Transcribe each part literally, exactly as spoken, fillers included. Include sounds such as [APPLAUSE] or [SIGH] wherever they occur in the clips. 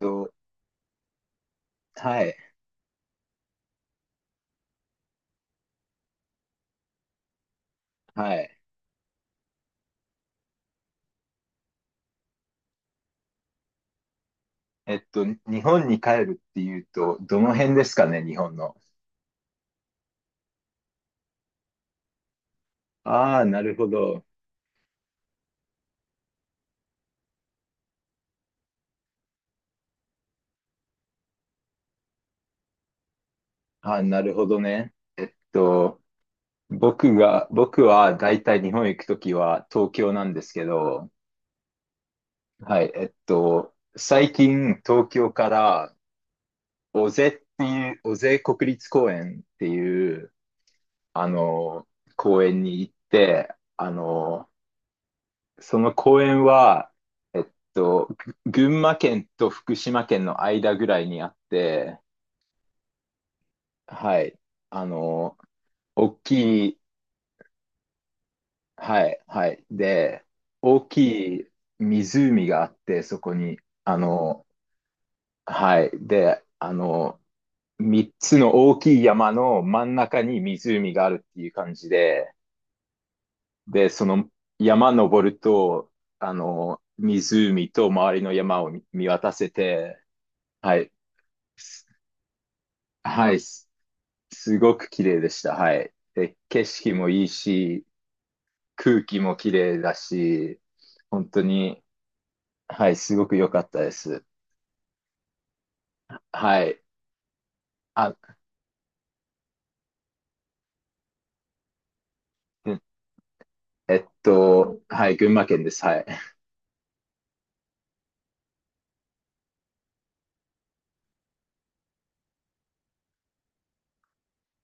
と、はい、はい。えっと、日本に帰るっていうと、どの辺ですかね、日本の。ああ、なるほど。ああ、なるほどね。えっと、僕が、僕はだいたい日本行くときは東京なんですけど、はい、えっと、最近東京から尾瀬っていう、尾瀬国立公園っていう、あの、公園に行って、あの、その公園は、えっと、ぐ群馬県と福島県の間ぐらいにあって、はい。あの、大きい、はい、はい。で、大きい湖があって、そこに、あの、はい。で、あの、みっつの大きい山の真ん中に湖があるっていう感じで、で、その山登ると、あの、湖と周りの山を見見渡せて、はい。すはい、す、すごく綺麗でした。はい。で、景色もいいし、空気も綺麗だし、本当に、はい、すごく良かったです。はい。あ、ええっと、はい、群馬県です。はい。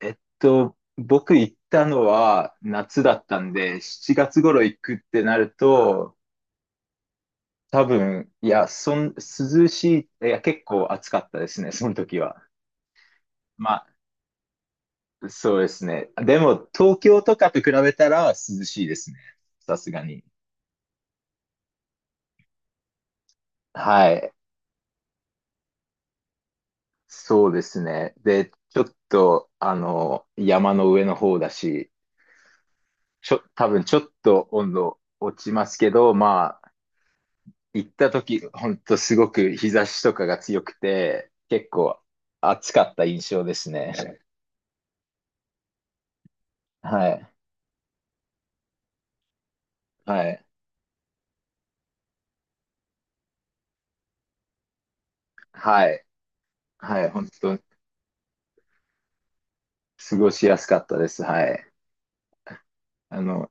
えっと、僕行ったのは夏だったんで、しちがつ頃行くってなると、多分、いや、そん、涼しい、いや、結構暑かったですね、その時は。まそうですね。でも、東京とかと比べたら涼しいですね。さすがに。はい。そうですね。で、ちょっと、あの、山の上の方だし、ちょ、多分ちょっと温度落ちますけど、まあ、行った時、ほんとすごく日差しとかが強くて、結構暑かった印象ですね。はい。はい。はい。はい。本当過ごしやすかったです。はい。あの、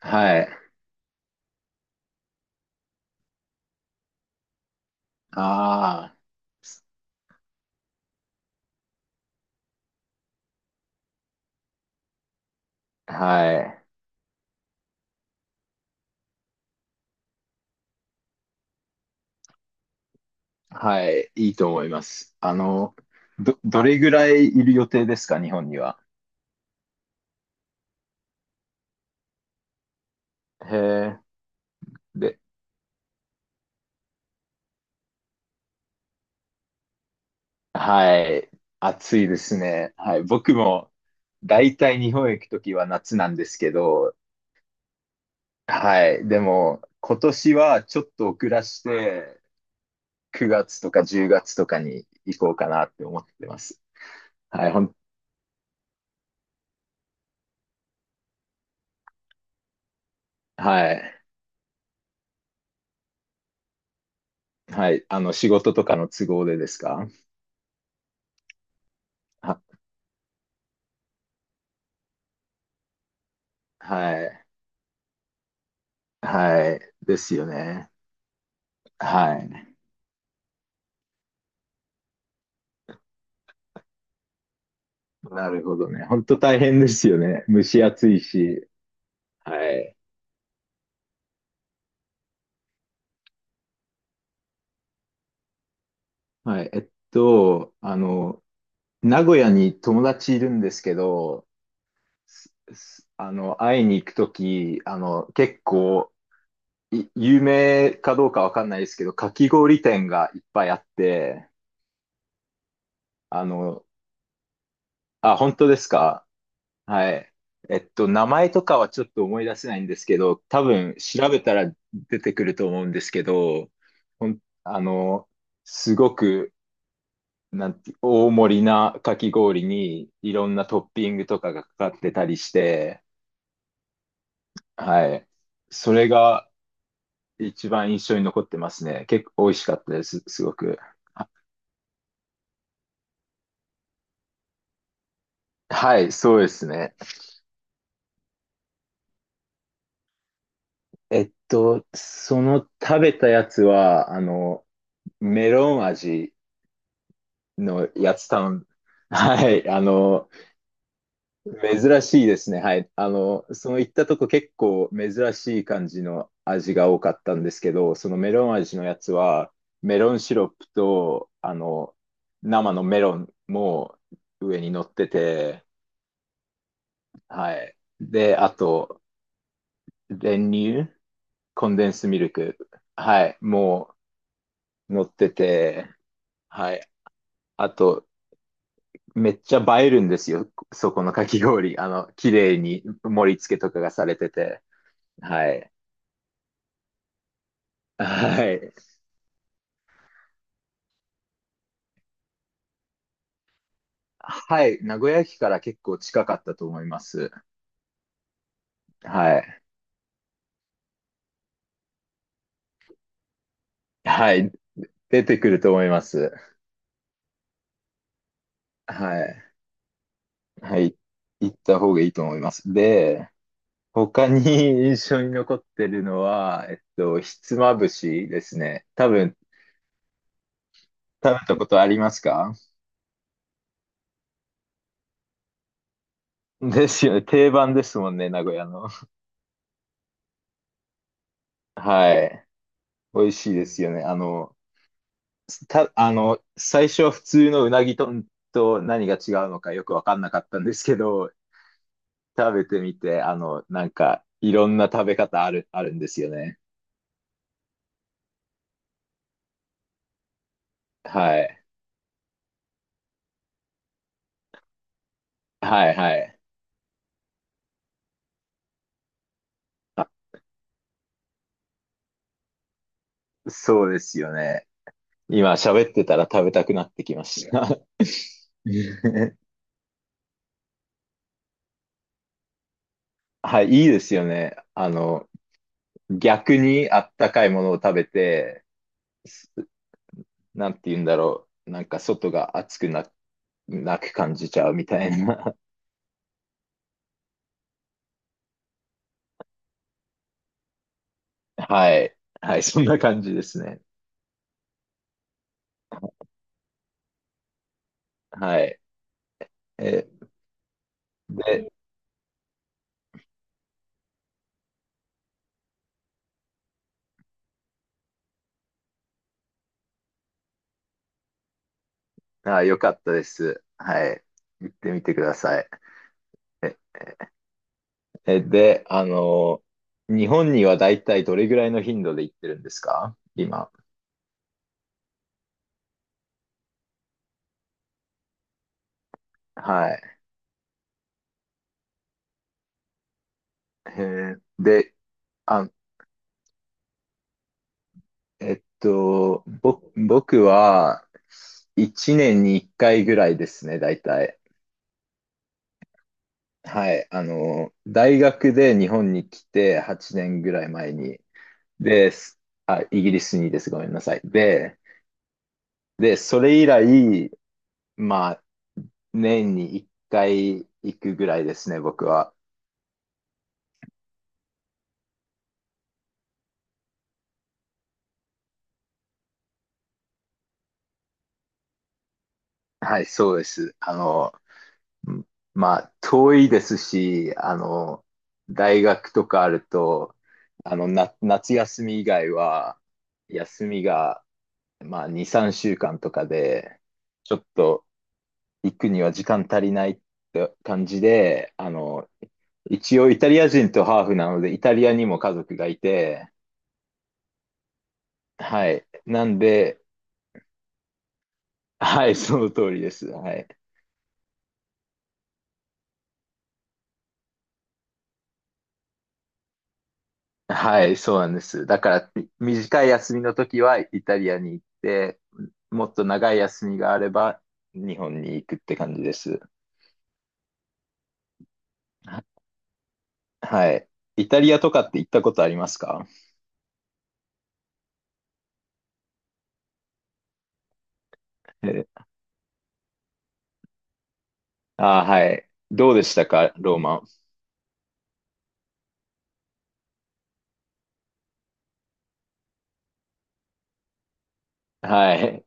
はい。ああ。はい。はい。いいと思います。あの、ど、どれぐらいいる予定ですか、日本には？へえ。で、はい。暑いですね。はい。僕も、だいたい日本へ行くときは夏なんですけど、はい。でも、今年はちょっと遅らして、くがつとかじゅうがつとかに行こうかなって思ってます。はい。ほん、はい。はい。あの、仕事とかの都合でですか？は、はい。はい。ですよね。はい。なるほどね。本当大変ですよね。蒸し暑いし。はい。はい。えっと、あの、名古屋に友達いるんですけど、すすあの、会いに行くとき、あの、結構、い有名かどうかわかんないですけど、かき氷店がいっぱいあって、あの、あ、本当ですか？はい。えっと、名前とかはちょっと思い出せないんですけど、多分調べたら出てくると思うんですけど、ほん、あの、すごく、なんて、大盛りなかき氷にいろんなトッピングとかがかかってたりして、はい。それが一番印象に残ってますね。結構美味しかったです、すごく。あはい、そうですね。えっと、その食べたやつは、あの、メロン味のやつ頼ん、はい、あの、珍しいですね。はい。あの、その行ったとこ結構珍しい感じの味が多かったんですけど、そのメロン味のやつは、メロンシロップと、あの、生のメロンも上に乗ってて、はい。で、あと、練乳、コンデンスミルク、はい。もう、乗ってて、はい。あと、めっちゃ映えるんですよ。そこのかき氷。あの、綺麗に盛り付けとかがされてて。はい。はい。はい。名古屋駅から結構近かったと思います。はい。はい。出てくると思います。はい。はい。行った方がいいと思います。で、他に [LAUGHS] 印象に残ってるのは、えっと、ひつまぶしですね。多分、食べたことありますか？ [LAUGHS] ですよね。定番ですもんね、名古屋の。はい。美味しいですよね。あの、た、あの、最初は普通のうなぎ丼と何が違うのかよくわかんなかったんですけど、食べてみて、あの、なんか、いろんな食べ方ある、あるんですよね。はい。はい、はい。あ、そうですよね。今喋ってたら食べたくなってきました。[LAUGHS] はい、いいですよね。あの、逆にあったかいものを食べて、なんて言うんだろう。なんか外が暑くな、なく感じちゃうみたいな。[LAUGHS] はい。はい、そんな感じですね。はい。え、で、あ、よかったです。はい。行ってみてください。え、えで、あの、日本にはだいたいどれぐらいの頻度で行ってるんですか、今？はい。えーで、あ、えっと、ぼ、僕はいちねんにいっかいぐらいですね、だいたい。はい、あの、大学で日本に来てはちねんぐらい前に、で、すあ、イギリスにです、ごめんなさい。で、で、それ以来、まあ、年にいっかい行くぐらいですね、僕は。はい、そうです。あの、うんまあ、遠いですし、あの、大学とかあると、あの、な、夏休み以外は、休みが、まあ、に、さんしゅうかんとかで、ちょっと行くには時間足りないって感じで、あの、一応イタリア人とハーフなので、イタリアにも家族がいて、はい。なんで、はい、その通りです。はい。はい、そうなんです。だから、み短い休みの時はイタリアに行って、もっと長い休みがあれば日本に行くって感じです。ははい。イタリアとかって行ったことありますか？えあー、はい。どうでしたか、ローマ。はい。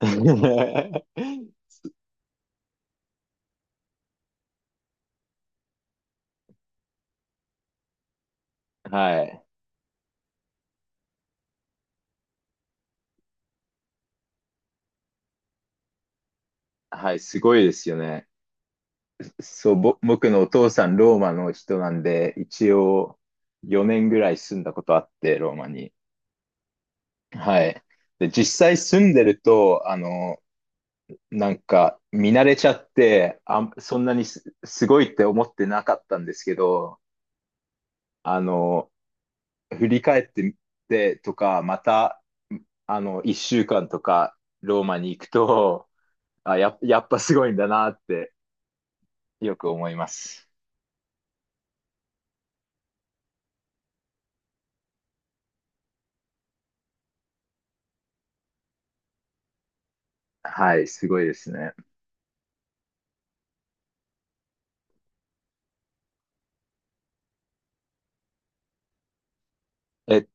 [LAUGHS] はい。はい、すごいですよね。そう、ぼ、僕のお父さん、ローマの人なんで、一応よねんぐらい住んだことあって、ローマに。はい。で、実際住んでると、あの、なんか見慣れちゃって、あ、そんなにす、すごいって思ってなかったんですけど、あの、振り返ってみてとか、また、あの、一週間とかローマに行くと、あ、や、やっぱすごいんだなってよく思います。はい、すごいですね。えっ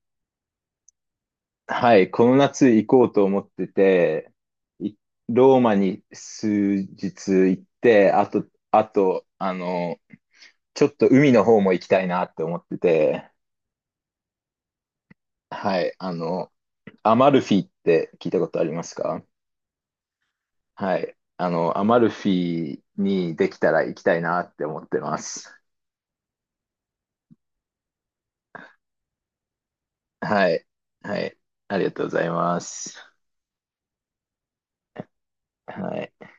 はい、この夏行こうと思ってて、いローマに数日行って、あと、あと、あの、ちょっと海の方も行きたいなって思ってて、はい、あの、アマルフィって聞いたことありますか？はい、あの、アマルフィにできたら行きたいなって思ってます。はい、はい、ありがとうございます。はい。